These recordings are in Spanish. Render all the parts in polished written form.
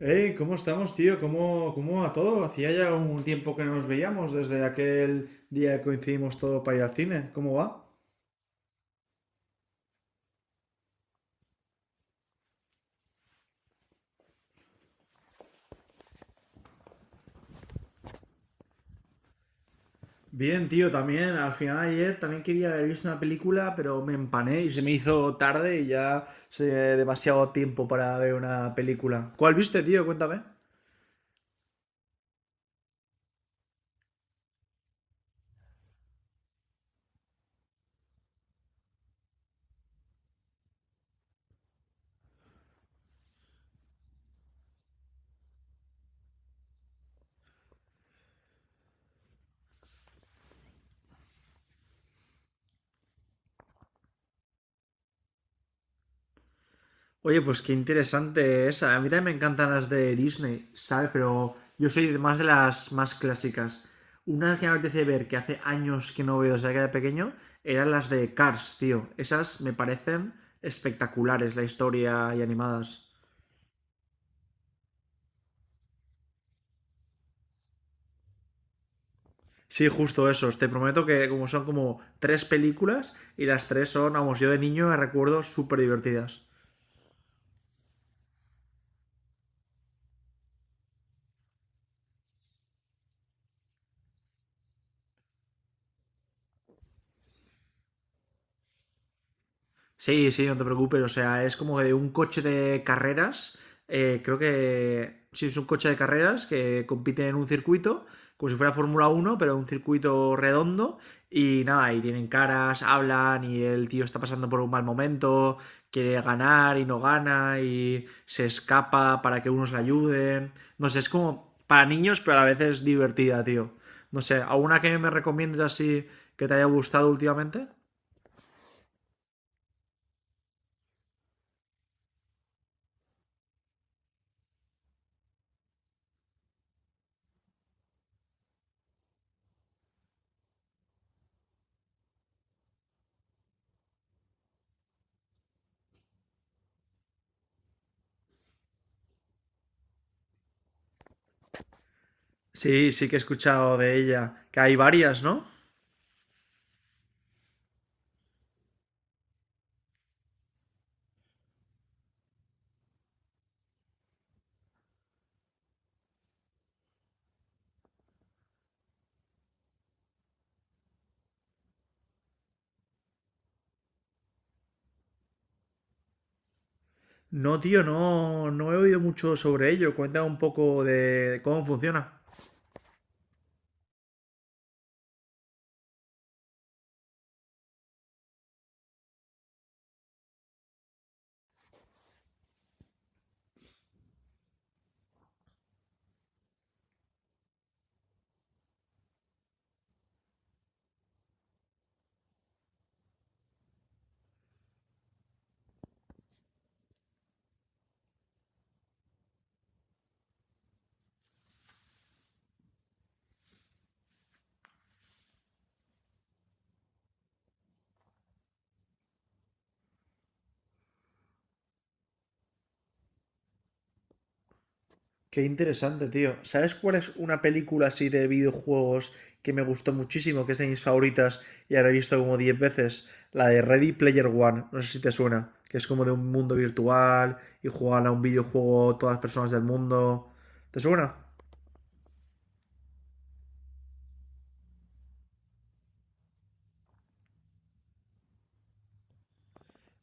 Hey, ¿cómo estamos, tío? ¿Cómo, cómo va todo? Hacía ya un tiempo que no nos veíamos desde aquel día que coincidimos todo para ir al cine. ¿Cómo va? Bien, tío, también. Al final ayer también quería haber visto una película, pero me empané y se me hizo tarde y ya sé demasiado tiempo para ver una película. ¿Cuál viste, tío? Cuéntame. Oye, pues qué interesante esa. A mí también me encantan las de Disney, ¿sabes? Pero yo soy de más de las más clásicas. Una que me apetece ver, que hace años que no veo desde que era pequeño, eran las de Cars, tío. Esas me parecen espectaculares, la historia y animadas. Sí, justo esos. Te prometo que como son como tres películas y las tres son, vamos, yo de niño me recuerdo súper divertidas. Sí, sí, no te preocupes. O sea, es como de un coche de carreras. Creo que sí, es un coche de carreras que compite en un circuito, como si fuera Fórmula 1, pero un circuito redondo. Y nada, y tienen caras, hablan, y el tío está pasando por un mal momento, quiere ganar y no gana, y se escapa para que unos le ayuden. No sé, es como para niños, pero a la vez es divertida, tío. No sé, ¿alguna que me recomiendes así que te haya gustado últimamente? Sí, sí que he escuchado de ella, que hay varias, ¿no? No, tío, no, no he oído mucho sobre ello. Cuéntame un poco de cómo funciona. Qué interesante, tío. ¿Sabes cuál es una película así de videojuegos que me gustó muchísimo, que es de mis favoritas y ahora he visto como 10 veces? La de Ready Player One, no sé si te suena, que es como de un mundo virtual y juegan a un videojuego todas las personas del mundo. ¿Te suena?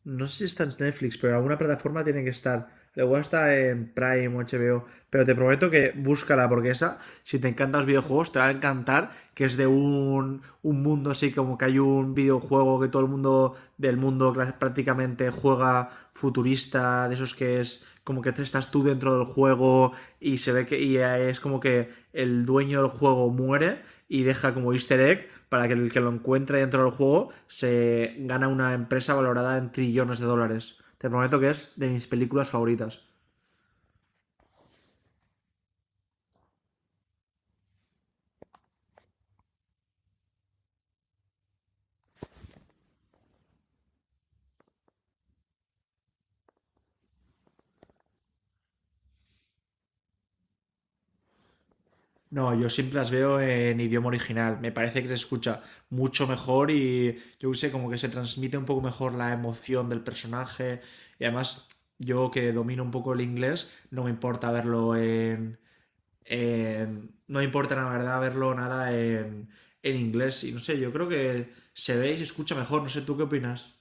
No sé si está en Netflix, pero en alguna plataforma tiene que estar. Luego está en Prime o HBO, pero te prometo que búscala porque esa, si te encantan los videojuegos, te va a encantar, que es de un, mundo así como que hay un videojuego que todo el mundo del mundo prácticamente juega futurista, de esos que es como que estás tú dentro del juego y se ve que y es como que el dueño del juego muere y deja como easter egg para que el que lo encuentre dentro del juego se gana una empresa valorada en trillones de dólares. Te prometo que es de mis películas favoritas. No, yo siempre las veo en idioma original. Me parece que se escucha mucho mejor y yo qué sé, como que se transmite un poco mejor la emoción del personaje. Y además, yo que domino un poco el inglés, no me importa verlo en... No me importa la verdad verlo nada en inglés. Y no sé, yo creo que se ve y se escucha mejor. No sé, ¿tú qué opinas?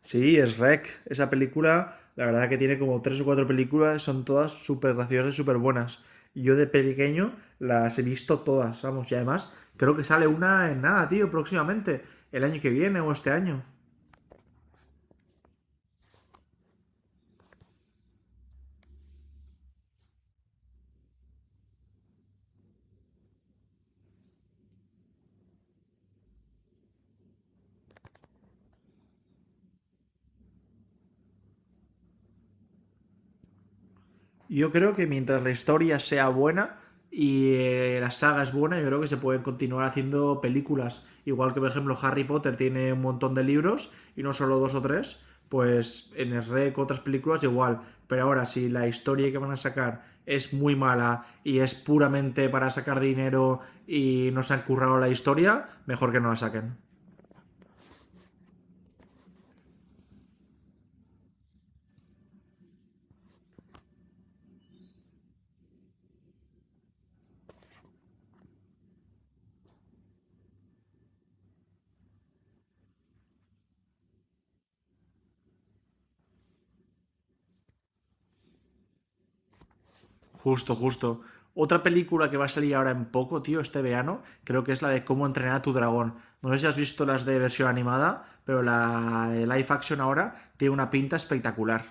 Sí, es Rec. Esa película, la verdad que tiene como tres o cuatro películas, son todas súper graciosas y súper buenas. Yo de pequeño las he visto todas, vamos, y además creo que sale una en nada, tío, próximamente, el año que viene o este año. Yo creo que mientras la historia sea buena y la saga es buena, yo creo que se pueden continuar haciendo películas. Igual que, por ejemplo, Harry Potter tiene un montón de libros y no solo dos o tres, pues en el REC otras películas igual. Pero ahora, si la historia que van a sacar es muy mala y es puramente para sacar dinero y no se han currado la historia, mejor que no la saquen. Justo, justo. Otra película que va a salir ahora en poco, tío, este verano, creo que es la de Cómo entrenar a tu dragón. No sé si has visto las de versión animada, pero la de live action ahora tiene una pinta espectacular.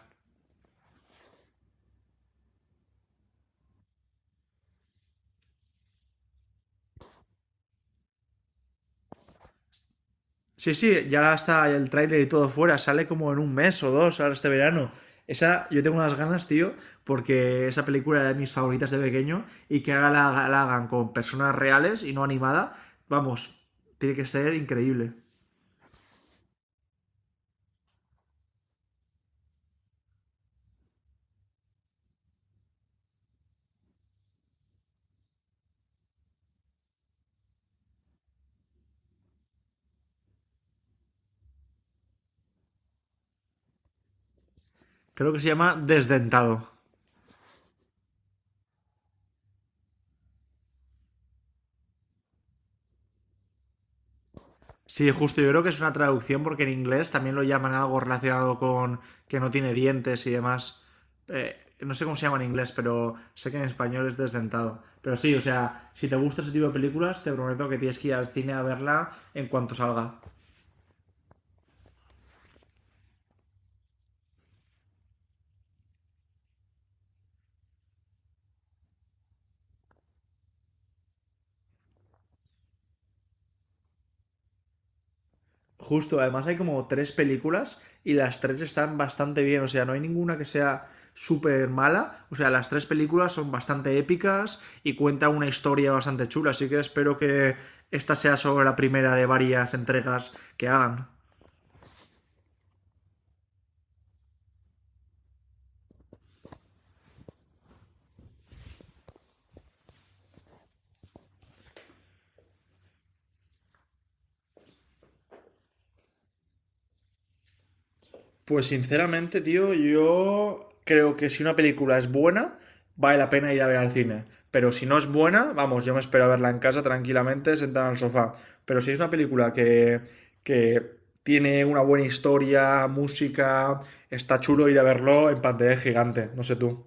Sí, sí, ya está el tráiler y todo fuera, sale como en un mes o dos ahora este verano. Esa, yo tengo unas ganas, tío, porque esa película era de mis favoritas de pequeño y que haga la hagan con personas reales y no animada, vamos, tiene que ser increíble. Creo que se llama Desdentado. Sí, justo, yo creo que es una traducción porque en inglés también lo llaman algo relacionado con que no tiene dientes y demás. No sé cómo se llama en inglés, pero sé que en español es desdentado. Pero sí, o sea, si te gusta ese tipo de películas, te prometo que tienes que ir al cine a verla en cuanto salga. Justo, además hay como tres películas y las tres están bastante bien, o sea, no hay ninguna que sea súper mala, o sea, las tres películas son bastante épicas y cuentan una historia bastante chula, así que espero que esta sea solo la primera de varias entregas que hagan. Pues sinceramente, tío, yo creo que si una película es buena, vale la pena ir a ver al cine. Pero si no es buena, vamos, yo me espero a verla en casa tranquilamente, sentada en el sofá. Pero si es una película que tiene una buena historia, música, está chulo ir a verlo en pantalla gigante, no sé tú.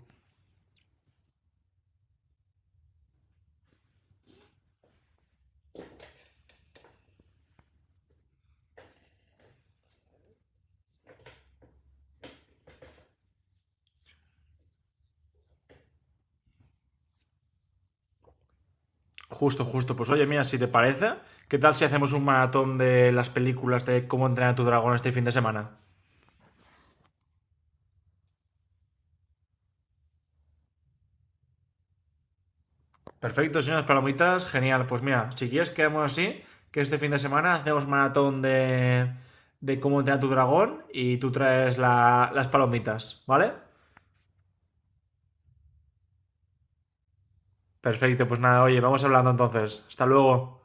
Justo, justo. Pues oye, mira, si te parece, ¿qué tal si hacemos un maratón de las películas de cómo entrenar a tu dragón este fin de semana? Perfecto, señores palomitas, genial. Pues mira, si quieres quedamos así, que este fin de semana hacemos maratón de, cómo entrenar tu dragón y tú traes las palomitas, ¿vale? Perfecto, pues nada, oye, vamos hablando entonces. Hasta luego.